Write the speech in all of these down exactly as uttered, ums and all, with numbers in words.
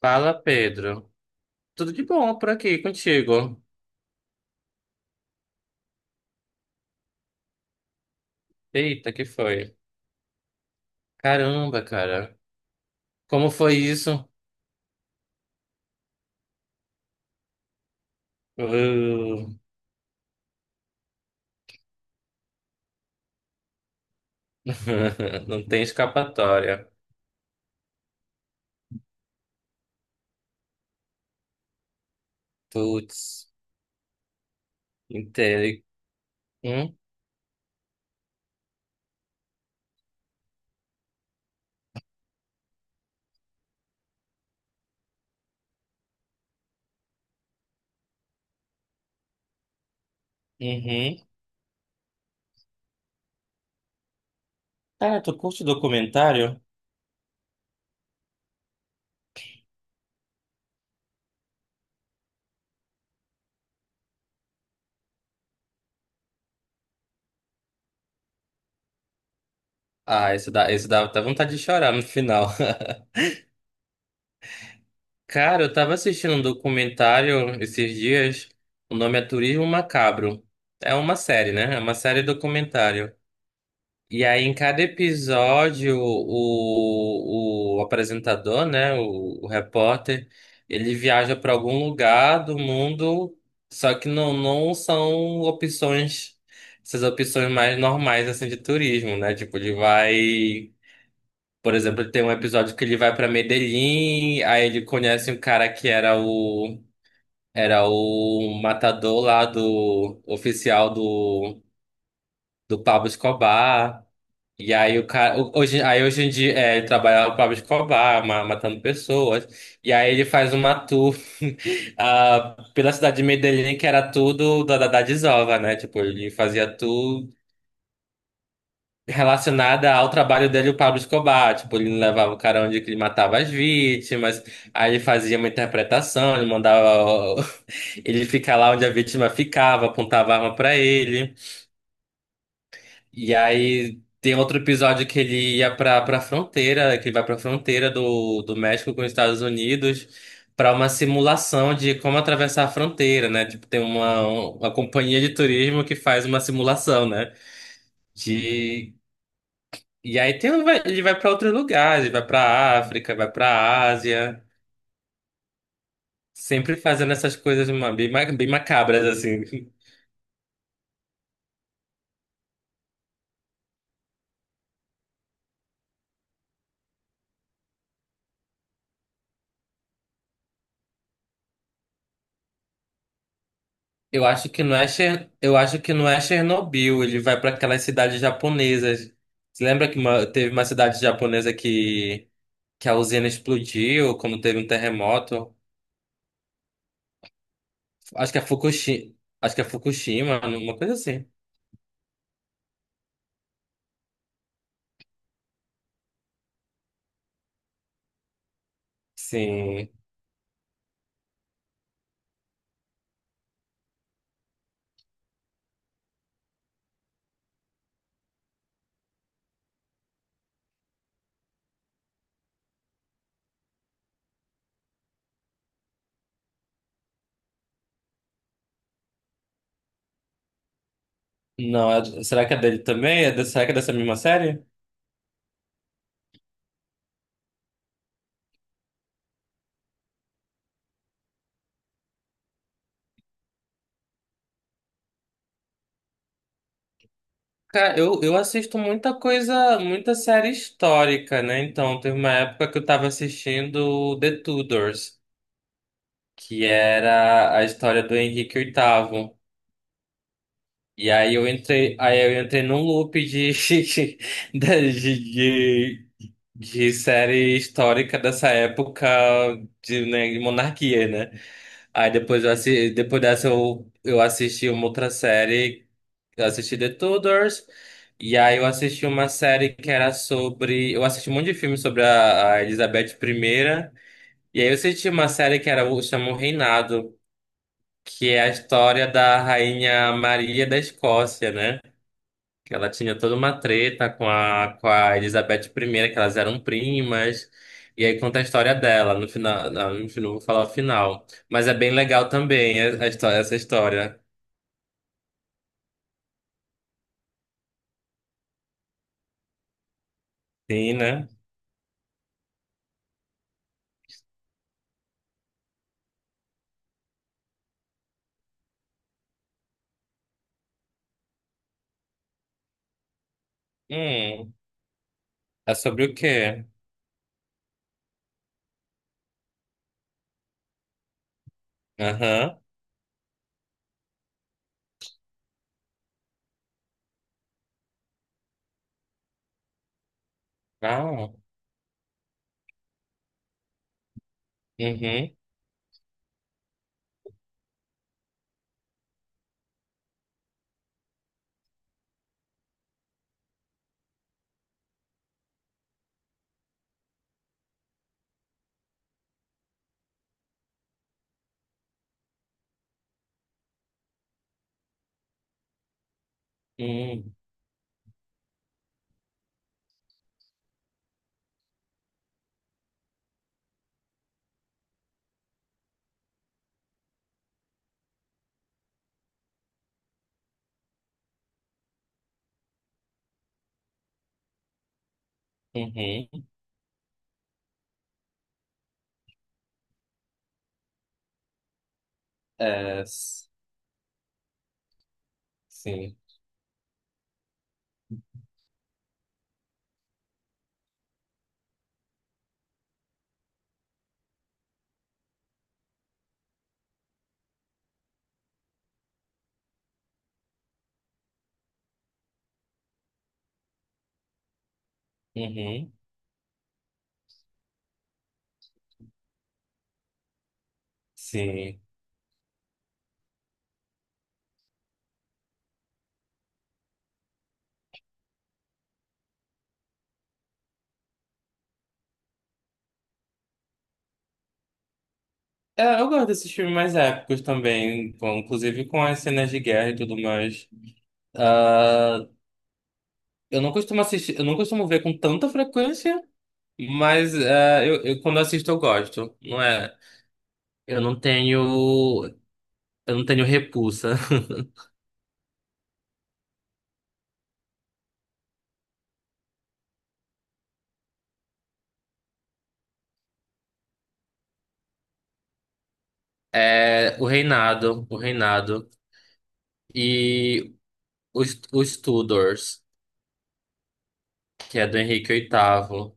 Fala, Pedro. Tudo de bom por aqui contigo? Eita, que foi? Caramba, cara. Como foi isso? Uh, Não tem escapatória. Putz, entendo. Hum? Uhum. Cara, tu curte documentário? Ah, esse dá, esse dá até vontade de chorar no final. Cara, eu tava assistindo um documentário esses dias. O nome é Turismo Macabro. É uma série, né? É uma série documentário. E aí, em cada episódio, o, o apresentador, né, o, o repórter, ele viaja para algum lugar do mundo, só que não, não são opções, essas opções mais normais, assim, de turismo, né? Tipo, ele vai, por exemplo, tem um episódio que ele vai para Medellín, aí ele conhece um cara que era o, era o matador lá do, oficial do, do Pablo Escobar. E aí o cara, o- hoje, aí hoje em dia é, ele trabalha o Pablo Escobar, ma- matando pessoas. E aí ele faz uma tour ah, pela cidade de Medellín, que era tudo da, da, da desova, né? Tipo, ele fazia tour relacionada ao trabalho dele, o Pablo Escobar. Tipo, ele levava o cara onde que ele matava as vítimas. Aí ele fazia uma interpretação, ele mandava o- ele ficar lá onde a vítima ficava, apontava a arma pra ele. E aí tem outro episódio que ele ia pra, pra fronteira, que ele vai pra fronteira do, do México com os Estados Unidos pra uma simulação de como atravessar a fronteira, né? Tipo, tem uma, uma companhia de turismo que faz uma simulação, né? De, e aí tem, um- vai- ele vai pra outros lugares, ele vai pra África, vai pra Ásia, sempre fazendo essas coisas ma- bem, ma- bem macabras, assim. Eu acho que não é Cher... eu acho que não é Chernobyl, ele vai para aquelas cidades japonesas. Você lembra que uma- teve uma cidade japonesa que que a usina explodiu, como teve um terremoto? Acho que é Fukushima, acho que é Fukushima, uma coisa assim. Sim. Não, é- será que é dele também? É desse- Será que é dessa mesma série? Cara, eu, eu assisto muita coisa, muita série histórica, né? Então, teve uma época que eu tava assistindo The Tudors, que era a história do Henrique oitavo. E aí eu entrei, aí eu entrei num loop de, de, de, de série histórica dessa época de, né, de monarquia, né? Aí depois eu assi, depois dessa eu, eu assisti uma outra série, eu assisti The Tudors, e aí eu assisti uma série que era sobre, eu assisti um monte de filme sobre a, a Elizabeth primeira e aí eu assisti uma série que era o chama O Reinado, que é a história da rainha Maria da Escócia, né? que Ela tinha toda uma treta com a, com a Elizabeth primeira que elas eram primas. E aí conta a história dela. No final, não, enfim, não vou falar o final. Mas é bem legal também a, a história, essa história. Sim, né? Hum, é sobre o quê? Aham. Ah, uhum. Hum, uhum. É, s- sim. Uhum. Sim. É, eu gosto desses filmes mais épicos também, com- inclusive com as cenas de guerra e tudo mais. Ah, eu não costumo assistir, eu não costumo ver com tanta frequência, mas é, eu, eu- quando assisto eu gosto. Não é? Eu não tenho, eu não tenho repulsa. É o Reinado, o Reinado e os, os Tudors, que é do Henrique oitavo,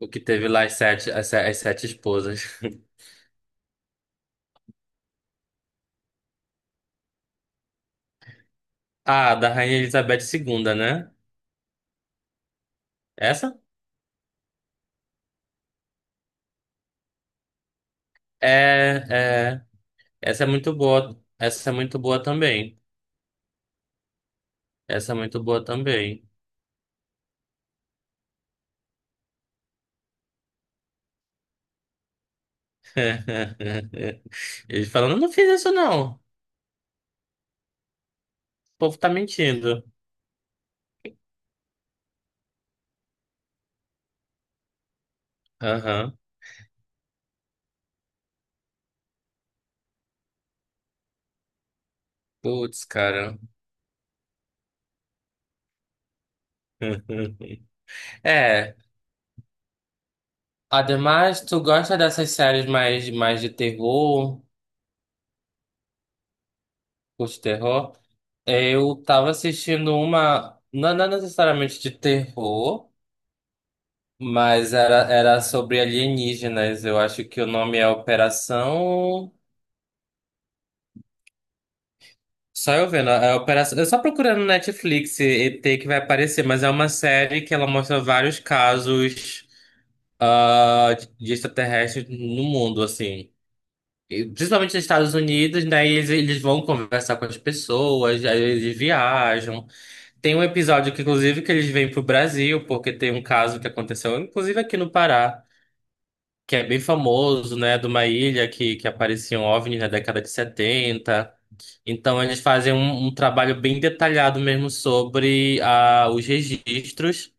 o que teve lá as sete, as, se- as sete esposas. Ah, da Rainha Elizabeth segunda, né? Essa? É, é, essa é muito boa. Essa é muito boa também. Essa é muito boa também. Ele falando eu não fiz isso não. O povo tá mentindo. Aham. Putz, cara. É. Ademais, tu gosta dessas séries mais, mais de terror, curte terror? Eu tava assistindo uma, não, não necessariamente de terror, mas era, era sobre alienígenas. Eu acho que o nome é Operação. Só eu vendo a a operação. Eu só procurando no Netflix e ET que vai aparecer, mas é uma série que ela mostra vários casos ah, de extraterrestres no mundo, assim. E, principalmente nos Estados Unidos, né? E eles, eles vão conversar com as pessoas, aí eles viajam. Tem um episódio que, inclusive, que eles vêm pro Brasil, porque tem um caso que aconteceu, inclusive aqui no Pará, que é bem famoso, né? De uma ilha que, que apareciam ó vê ênes na década de setenta. Então, eles fazem um, um trabalho bem detalhado mesmo sobre ah, os registros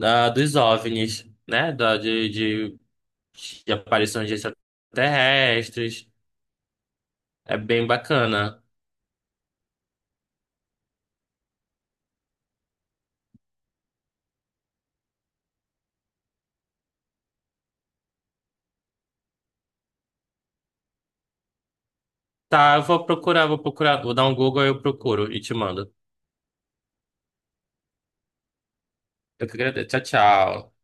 ah, dos ó vê ênes, né? Da- de, de, de aparições de extraterrestres. É bem bacana. Tá, eu vou procurar, vou procurar, vou dar um Google e eu procuro e te mando. Eu que agradeço. Tchau, tchau.